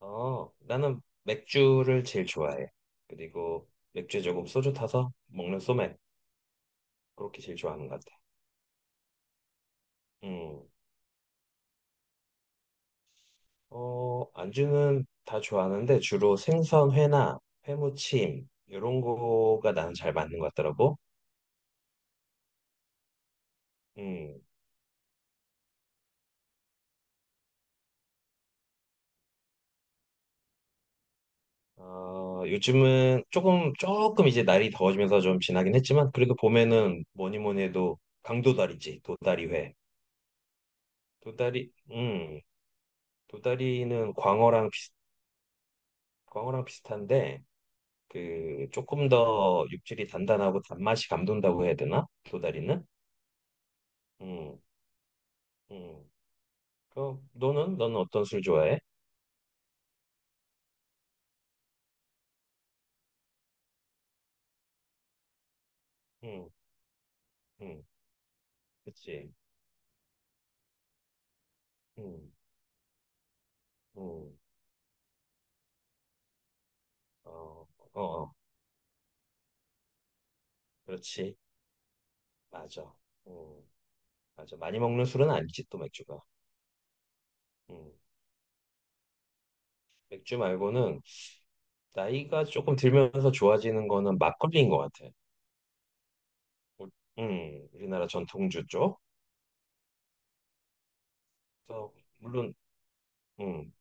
어, 나는 맥주를 제일 좋아해. 그리고 맥주에 조금 소주 타서 먹는 소맥. 그렇게 제일 좋아하는 것 같아. 음, 어, 안주는 다 좋아하는데 주로 생선 회나 회무침, 이런 거가 나는 잘 맞는 것 같더라고. 음, 어, 요즘은 조금 이제 날이 더워지면서 좀 지나긴 했지만, 그래도 봄에는 뭐니 뭐니 해도 강도다리지, 도다리회. 도다리, 음, 도다리는 광어랑 비슷한데, 그 조금 더 육질이 단단하고 단맛이 감돈다고 해야 되나? 도다리는? 음, 음. 그 너는 어떤 술 좋아해? 음, 음, 그치. 음, 음, 어, 어, 어. 그렇지. 맞아. 음, 맞아. 많이 먹는 술은 아니지 또 맥주가. 음, 맥주 말고는 나이가 조금 들면서 좋아지는 거는 막걸리인 것 같아. 우- 우리나라 전통주 쪽. 그래서 물론. 음,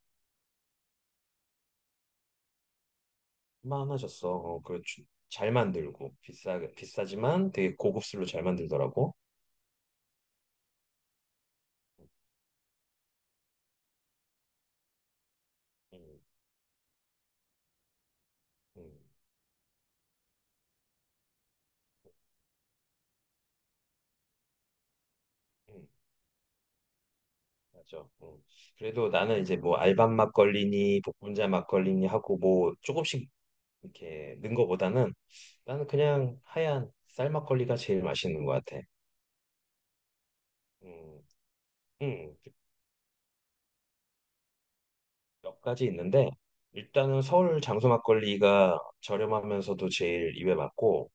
만하셨어. 잘 만들고, 비싸지만 되게 고급스로 잘 만들더라고. 음, 음, 음, 맞아. 음. 그래도 나는 이제 뭐 알밤 막걸리니, 복분자 막걸리니 하고 뭐 조금씩 이렇게 넣은 거보다는 나는 그냥 하얀 쌀 막걸리가 제일 맛있는 것 같아. 음, 음, 몇 가지 있는데, 일단은 서울 장소 막걸리가 저렴하면서도 제일 입에 맞고,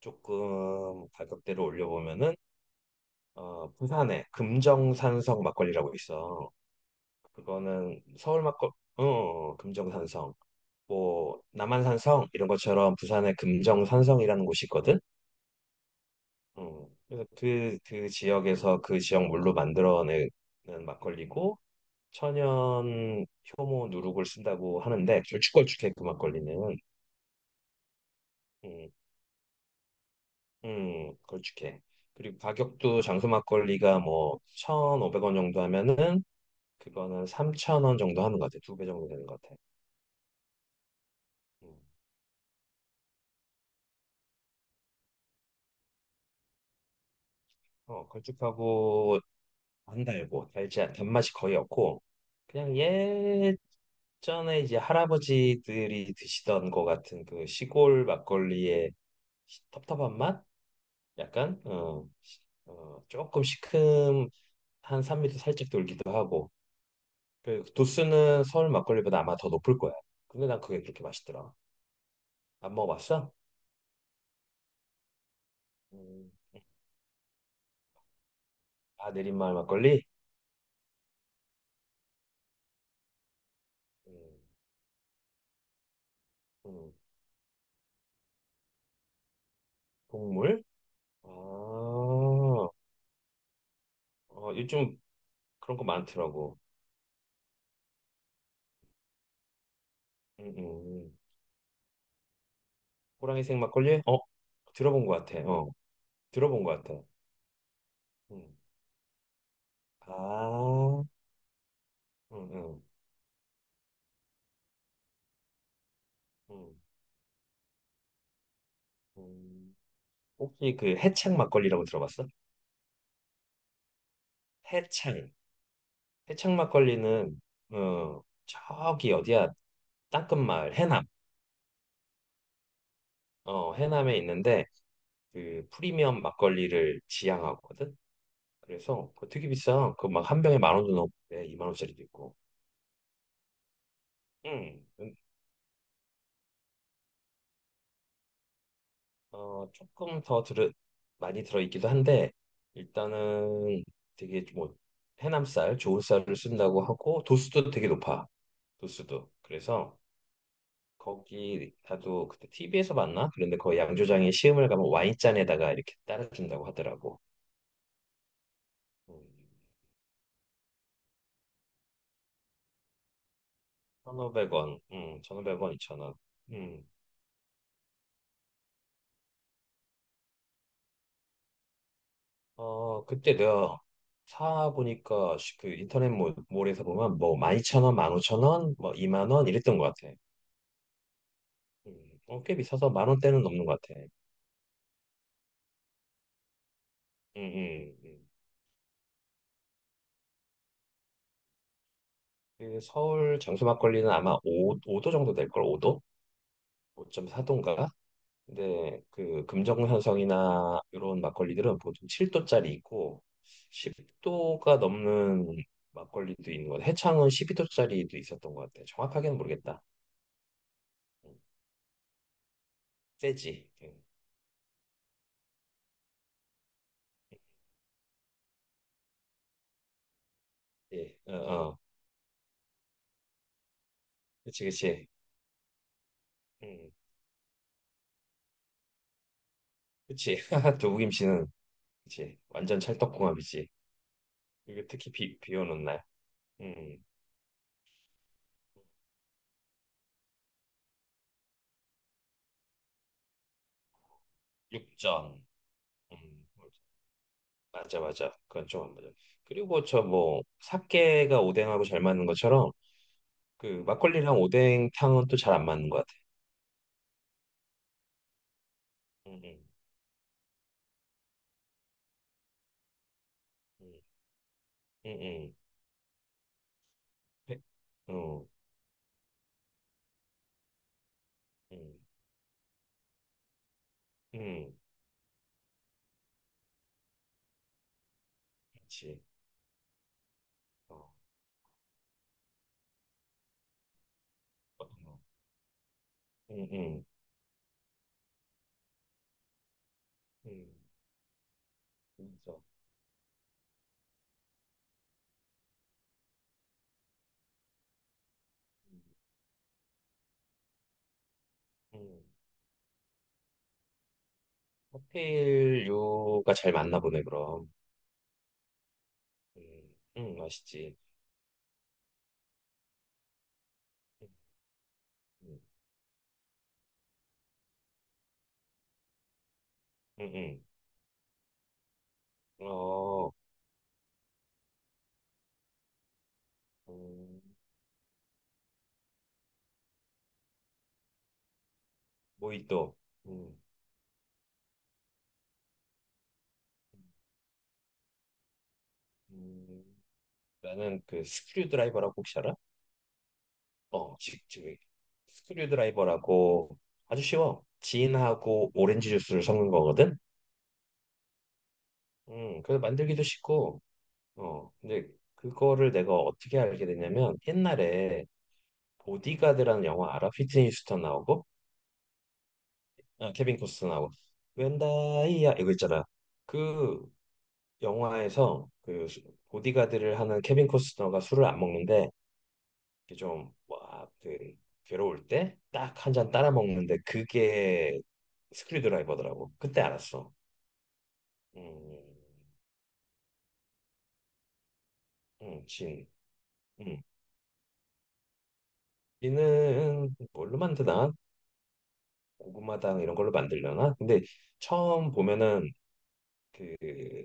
조금 가격대를 올려보면은 부산에 금정산성 막걸리라고 있어. 그거는 서울 막걸, 어, 어, 어, 금정산성. 뭐 남한산성 이런 것처럼 부산에 금정산성이라는 곳이 있거든. 그래서 그 지역에서 그 지역 물로 만들어내는 막걸리고 천연 효모 누룩을 쓴다고 하는데 걸쭉걸쭉해 그 막걸리는. 음, 걸쭉해. 그리고 가격도 장수 막걸리가 뭐 1,500원 정도 하면은 그거는 3,000원 정도 하는 것 같아. 두 배 정도 되는 것 같아. 음. 걸쭉하고 안 달고 단맛이 거의 없고 그냥 예전에 이제 할아버지들이 드시던 것 같은 그 시골 막걸리의 텁텁한 맛? 약간 조금 시큼한 산미도 살짝 돌기도 하고 그 도수는 서울 막걸리보다 아마 더 높을 거야. 근데 난 그게 그렇게 맛있더라. 안 먹어봤어? 음. 아, 내린마을 막걸리? 음, 음. 국물? 아, 요즘 그런 거 많더라고. 음, 음. 호랑이색 막걸리? 들어본 것 같아. 들어본 것 같아. 음. 아, 음, 음, 음, 음. 혹시 그 해창 막걸리라고 들어봤어? 해창. 해창 막걸리는 저기 어디야? 땅끝마을 해남. 해남에 있는데 그 프리미엄 막걸리를 지향하거든. 그래서 그거 되게 비싸. 그 막 한 병에 10,000원도 넘고 2만 원짜리도 있고. 응. 조금 더 많이 들어있기도 한데, 일단은 되게 뭐, 해남쌀, 좋은 쌀을 쓴다고 하고, 도수도 되게 높아. 도수도. 그래서, 거기, 나도 그때 TV에서 봤나? 그런데 거기 양조장에 시음을 가면 와인잔에다가 이렇게 따라준다고 하더라고. 음, 1,500원, 1,500원, 2,000원. 음, 그때 내가 사보니까 그 인터넷 몰, 몰에서 보면 뭐 12,000원, 15,000원, 뭐이만 오천 원 뭐 20,000원 이랬던 것 같아. 꽤 비싸서 10,000원대는 넘는 것 같아. 음, 음, 음. 그 서울 장수 막걸리는 아마 5, 5도 정도 될 걸, 5도? 5.4도인가? 근데 그 금정현성이나 이런 막걸리들은 보통 7도짜리 있고 10도가 넘는 막걸리도 있는 것 같아. 해창은 12도짜리도 있었던 것 같아. 정확하게는 모르겠다. 음, 세지. 예, 어, 어. 그치, 그치. 음, 그치. 두부김치는 그치. 완전 찰떡궁합이지. 이게 특히 비 오는 날. 음. 육전. 음, 맞아, 맞아. 그건 좀 안 맞아. 그리고 저 뭐, 사케가 오뎅하고 잘 맞는 것처럼, 그, 막걸리랑 오뎅탕은 또 잘 안 맞는 것 같아. 응, 응, 응, 응, 응. 배- 어, 응, 응, 그렇지. 어, 어, 응, 응, 응, 맞아. 응, 응. 칵테일류가 잘 맞나 보네, 그럼. 응, 응, 맛있지. 응, 응, 응, 응. 어, 음, 모히또. 음, 음. 음. 나는 그 스크류 드라이버라고 혹시 알아? 지금 스크류 드라이버라고 아주 쉬워. 진하고 오렌지 주스를 섞는 거거든. 그래서 만들기도 쉽고. 근데 그거를 내가 어떻게 알게 됐냐면 옛날에 보디가드라는 영화 알아? 휘트니 휴스턴 나오고, 아, 케빈 코스터 나오고. 웬다이야 이거 있잖아. 그 영화에서 보디가드를 하는 케빈 코스터가 술을 안 먹는데 이렇게 좀 와, 그 괴로울 때 딱 한 잔 따라 먹는데 그게 스크류드라이버더라고. 그때 알았어. 음, 음, 진, 음. 진은 뭘로 만드나? 고구마당 이런 걸로 만들려나? 근데 처음 보면은 그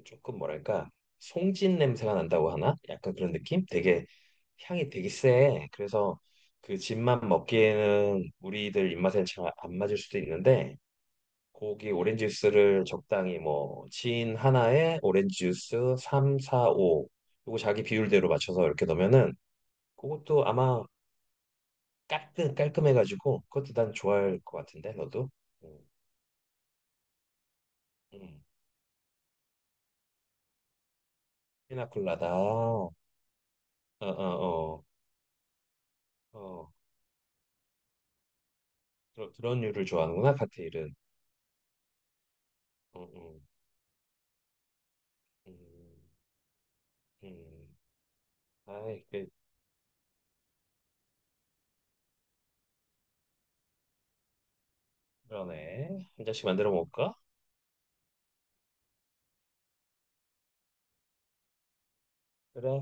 조금 뭐랄까 송진 냄새가 난다고 하나? 약간 그런 느낌? 되게 향이 되게 세. 그래서 그 진만 먹기에는 우리들 입맛에 잘 안 맞을 수도 있는데 고기 오렌지 주스를 적당히 뭐 진 하나에 오렌지 주스 3, 4, 5 요거 자기 비율대로 맞춰서 이렇게 넣으면은 그것도 아마 깔끔 깔끔해가지고 그것도 난 좋아할 것 같은데 너도 음, 음. 피나콜라다 어 어어 어, 어, 어. 어. 그런 류를 좋아하는구나 칵테일은. 음, 음, 음, 음. 아이 그러네. 한 잔씩 만들어 먹을까? 그래.